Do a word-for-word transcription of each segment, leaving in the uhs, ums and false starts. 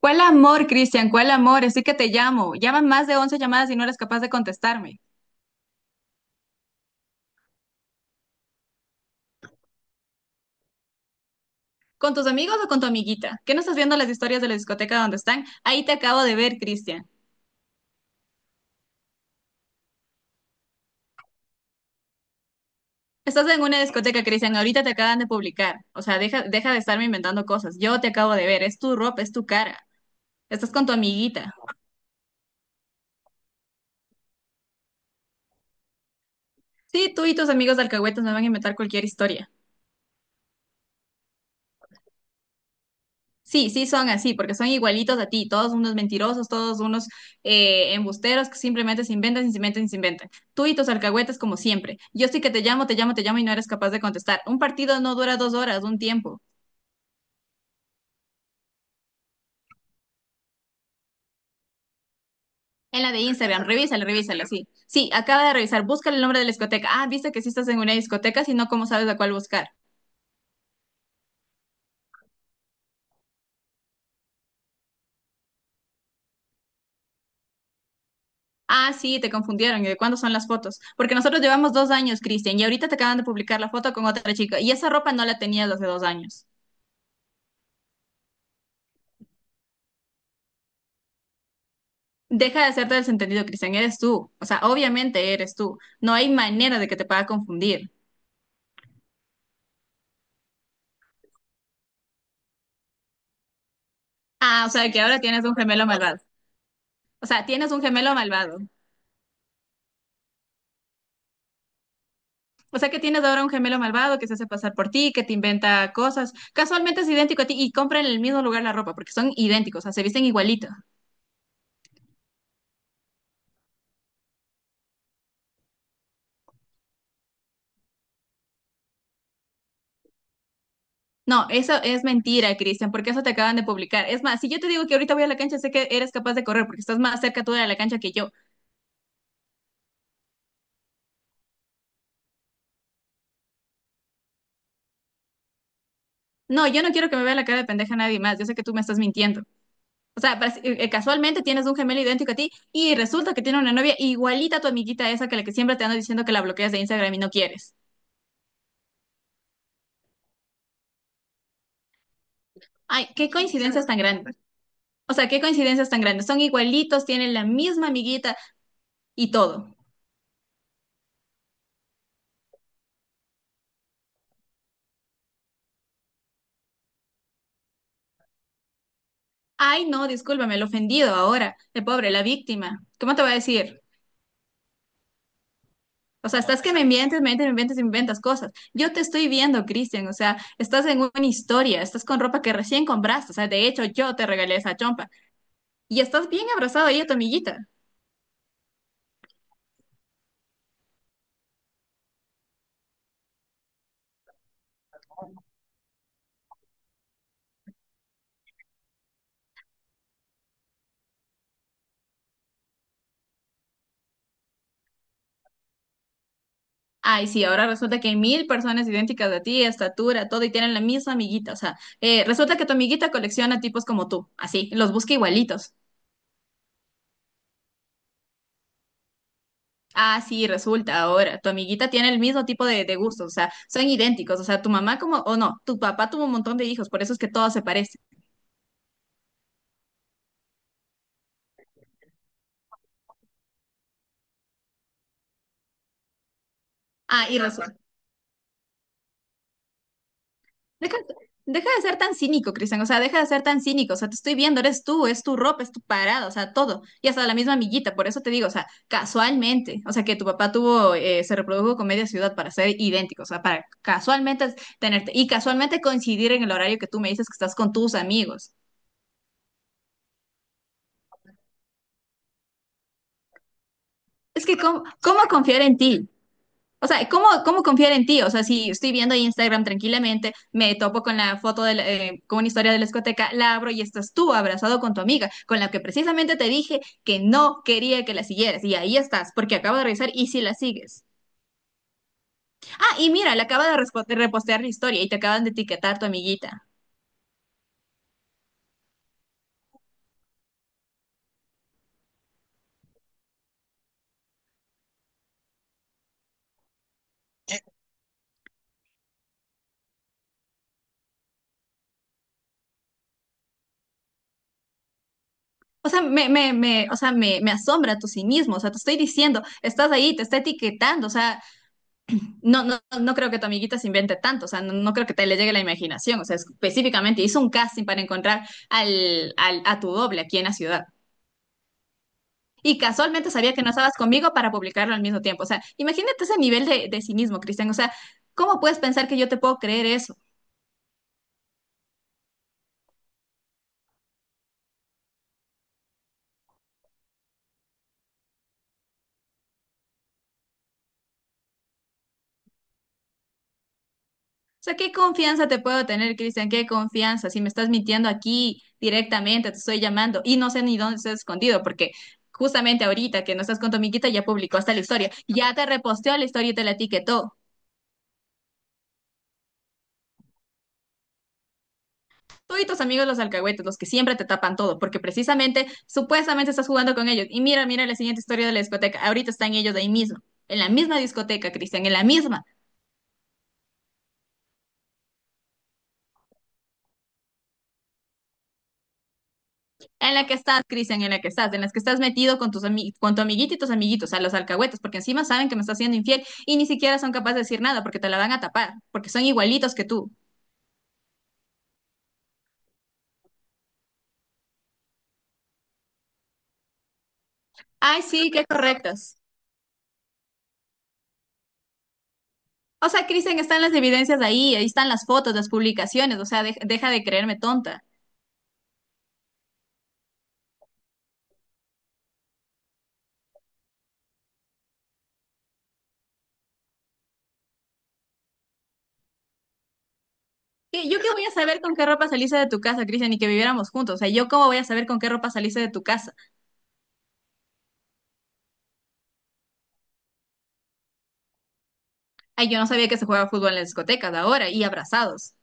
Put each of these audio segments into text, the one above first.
¿Cuál amor, Cristian? ¿Cuál amor? Así que te llamo. Llaman más de once llamadas y no eres capaz de contestarme. ¿Con tus amigos o con tu amiguita? ¿Qué no estás viendo las historias de la discoteca donde están? Ahí te acabo de ver, Cristian. Estás en una discoteca, Cristian. Ahorita te acaban de publicar. O sea, deja, deja de estarme inventando cosas. Yo te acabo de ver. Es tu ropa, es tu cara. Estás con tu amiguita. Sí, tú y tus amigos de alcahuetas me van a inventar cualquier historia. Sí, sí son así, porque son igualitos a ti, todos unos mentirosos, todos unos eh, embusteros que simplemente se inventan, y se inventan, y se inventan. Tú y tus alcahuetes como siempre. Yo sí que te llamo, te llamo, te llamo y no eres capaz de contestar. Un partido no dura dos horas, un tiempo. En la de Instagram, revísala, revísala, sí. Sí, acaba de revisar, búscale el nombre de la discoteca. Ah, viste que sí estás en una discoteca, si no, ¿cómo sabes a cuál buscar? Ah, sí, te confundieron. ¿Y de cuándo son las fotos? Porque nosotros llevamos dos años, Cristian, y ahorita te acaban de publicar la foto con otra chica, y esa ropa no la tenías hace dos años. Deja de hacerte desentendido, Cristian, eres tú. O sea, obviamente eres tú. No hay manera de que te pueda confundir. Ah, o sea, que ahora tienes un gemelo malvado. O sea, tienes un gemelo malvado. O sea, que tienes ahora un gemelo malvado que se hace pasar por ti, que te inventa cosas. Casualmente es idéntico a ti y compra en el mismo lugar la ropa porque son idénticos, o sea, se visten igualito. No, eso es mentira, Cristian, porque eso te acaban de publicar. Es más, si yo te digo que ahorita voy a la cancha, sé que eres capaz de correr porque estás más cerca tú de la cancha que yo. No, yo no quiero que me vea la cara de pendeja nadie más. Yo sé que tú me estás mintiendo. O sea, parece- eh, eh, casualmente tienes un gemelo idéntico a ti y resulta que tiene una novia igualita a tu amiguita esa que la que siempre te ando diciendo que la bloqueas de Instagram y no quieres. Ay, qué coincidencias tan grandes. O sea, qué coincidencias tan grandes. Son igualitos, tienen la misma amiguita y todo. Ay, no, discúlpame, el ofendido ahora, el pobre, la víctima. ¿Cómo te va a decir? O sea, estás que me mientes, me mientes, me mientes y me inventas cosas. Yo te estoy viendo, Cristian. O sea, estás en una historia, estás con ropa que recién compraste. O sea, de hecho, yo te regalé esa chompa. Y estás bien abrazado ahí a tu amiguita. Ay, sí, ahora resulta que hay mil personas idénticas a ti, estatura, todo, y tienen la misma amiguita. O sea, eh, resulta que tu amiguita colecciona tipos como tú, así, los busca igualitos. Ah, sí, resulta ahora, tu amiguita tiene el mismo tipo de, de gustos, o sea, son idénticos. O sea, tu mamá como, o no, tu papá tuvo un montón de hijos, por eso es que todos se parecen. Ah, y resulta. Deja, deja de ser tan cínico, Cristian, o sea, deja de ser tan cínico, o sea, te estoy viendo, eres tú, es tu ropa, es tu parada, o sea, todo, y hasta la misma amiguita, por eso te digo, o sea, casualmente, o sea, que tu papá tuvo, eh, se reprodujo con media ciudad para ser idéntico, o sea, para casualmente tenerte, y casualmente coincidir en el horario que tú me dices que estás con tus amigos. Es que, ¿cómo, cómo confiar en ti? O sea, ¿cómo, cómo confiar en ti? O sea, si estoy viendo ahí Instagram tranquilamente, me topo con la foto de la- eh, con una historia de la discoteca, la abro y estás tú abrazado con tu amiga, con la que precisamente te dije que no quería que la siguieras. Y ahí estás, porque acabo de revisar y si la sigues. Ah, y mira, le acaba de respo- de repostear la historia y te acaban de etiquetar tu amiguita. O sea, me, me, me, o sea, me, me asombra tu cinismo. O sea, te estoy diciendo, estás ahí, te está etiquetando. O sea, no, no, no creo que tu amiguita se invente tanto, o sea, no, no creo que te le llegue la imaginación, o sea, específicamente hizo un casting para encontrar al, al, a tu doble aquí en la ciudad. Y casualmente sabía que no estabas conmigo para publicarlo al mismo tiempo. O sea, imagínate ese nivel de, de cinismo, Cristian. O sea, ¿cómo puedes pensar que yo te puedo creer eso? O sea, ¿qué confianza te puedo tener, Cristian? ¿Qué confianza? Si me estás mintiendo aquí directamente, te estoy llamando y no sé ni dónde estás escondido, porque justamente ahorita que no estás con tu amiguita ya publicó hasta la historia, ya te reposteó la historia y te la etiquetó. Tú y tus amigos los alcahuetes, los que siempre te tapan todo, porque precisamente, supuestamente estás jugando con ellos. Y mira, mira la siguiente historia de la discoteca. Ahorita están ellos ahí mismo, en la misma discoteca, Cristian, en la misma, en la que estás, Cristian, en la que estás, en las que estás metido con tus ami- con tu amiguito y tus amiguitos, a los alcahuetes, porque encima saben que me estás siendo infiel y ni siquiera son capaces de decir nada, porque te la van a tapar, porque son igualitos que tú. Ay, sí, qué correctas. O sea, Cristian, están las evidencias ahí, ahí están las fotos, las publicaciones, o sea, de- deja de creerme tonta. ¿Qué- ¿Yo qué voy a saber con qué ropa saliste de tu casa, Cristian, y que viviéramos juntos? O sea, ¿yo cómo voy a saber con qué ropa saliste de tu casa? Ay, yo no sabía que se juega fútbol en las discotecas ahora y abrazados.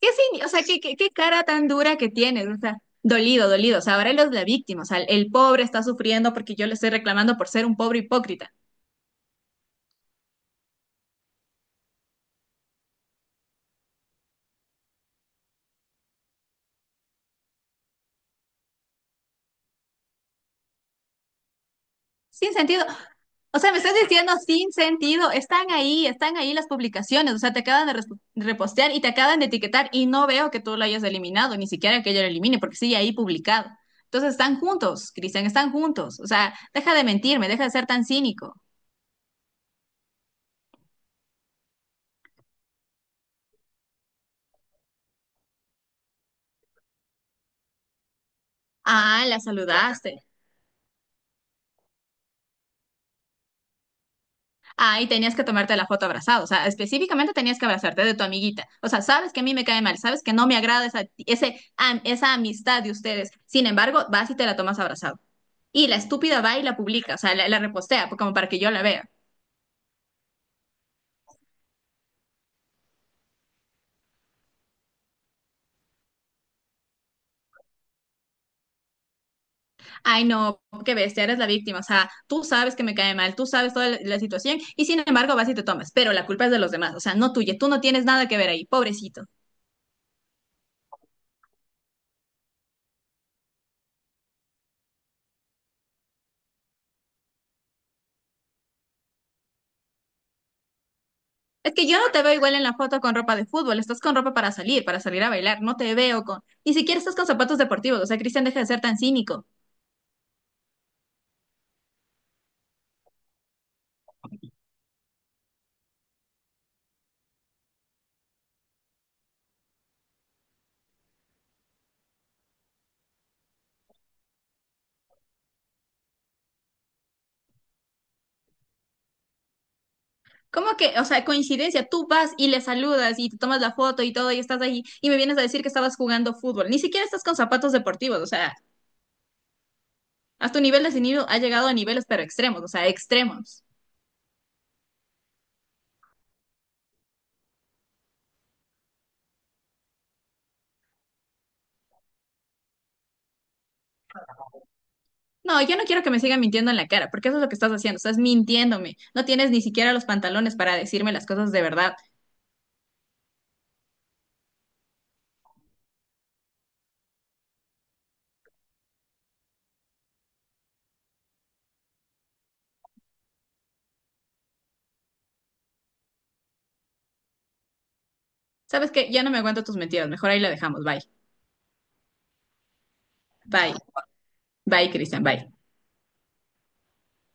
¿Qué sí? O sea, ¿qué, qué, qué cara tan dura que tienes? O sea, dolido, dolido. O sea, ahora él es la víctima. O sea, el pobre está sufriendo porque yo le estoy reclamando por ser un pobre hipócrita. Sin sentido. O sea, me estás diciendo sin sentido. Están ahí, están ahí las publicaciones. O sea, te acaban de res- repostear y te acaban de etiquetar y no veo que tú lo hayas eliminado, ni siquiera que yo lo elimine, porque sigue ahí publicado. Entonces están juntos, Cristian, están juntos. O sea, deja de mentirme, deja de ser tan cínico. Ah, la saludaste. Ah, y tenías que tomarte la foto abrazado, o sea, específicamente tenías que abrazarte de tu amiguita. O sea, sabes que a mí me cae mal, sabes que no me agrada esa, ese, am- esa amistad de ustedes. Sin embargo, vas y te la tomas abrazado. Y la estúpida va y la publica, o sea, la, la repostea po- como para que yo la vea. Ay, no, qué bestia, eres la víctima, o sea, tú sabes que me cae mal, tú sabes toda la, la situación y sin embargo vas y te tomas, pero la culpa es de los demás, o sea, no tuya, tú no tienes nada que ver ahí, pobrecito. Es que yo no te veo igual en la foto con ropa de fútbol, estás con ropa para salir, para salir a bailar, no te veo con, ni siquiera estás con zapatos deportivos, o sea, Cristian, deja de ser tan cínico. ¿Cómo que, o sea, coincidencia, tú vas y le saludas y te tomas la foto y todo y estás ahí y me vienes a decir que estabas jugando fútbol, ni siquiera estás con zapatos deportivos, o sea, a tu nivel de cinismo ha llegado a niveles pero extremos, o sea, extremos. No, yo no quiero que me sigan mintiendo en la cara, porque eso es lo que estás haciendo, estás mintiéndome, no tienes ni siquiera los pantalones para decirme las cosas de verdad. ¿Sabes qué? Ya no me aguanto tus mentiras, mejor ahí la dejamos, bye, bye. Bye, Cristian, bye.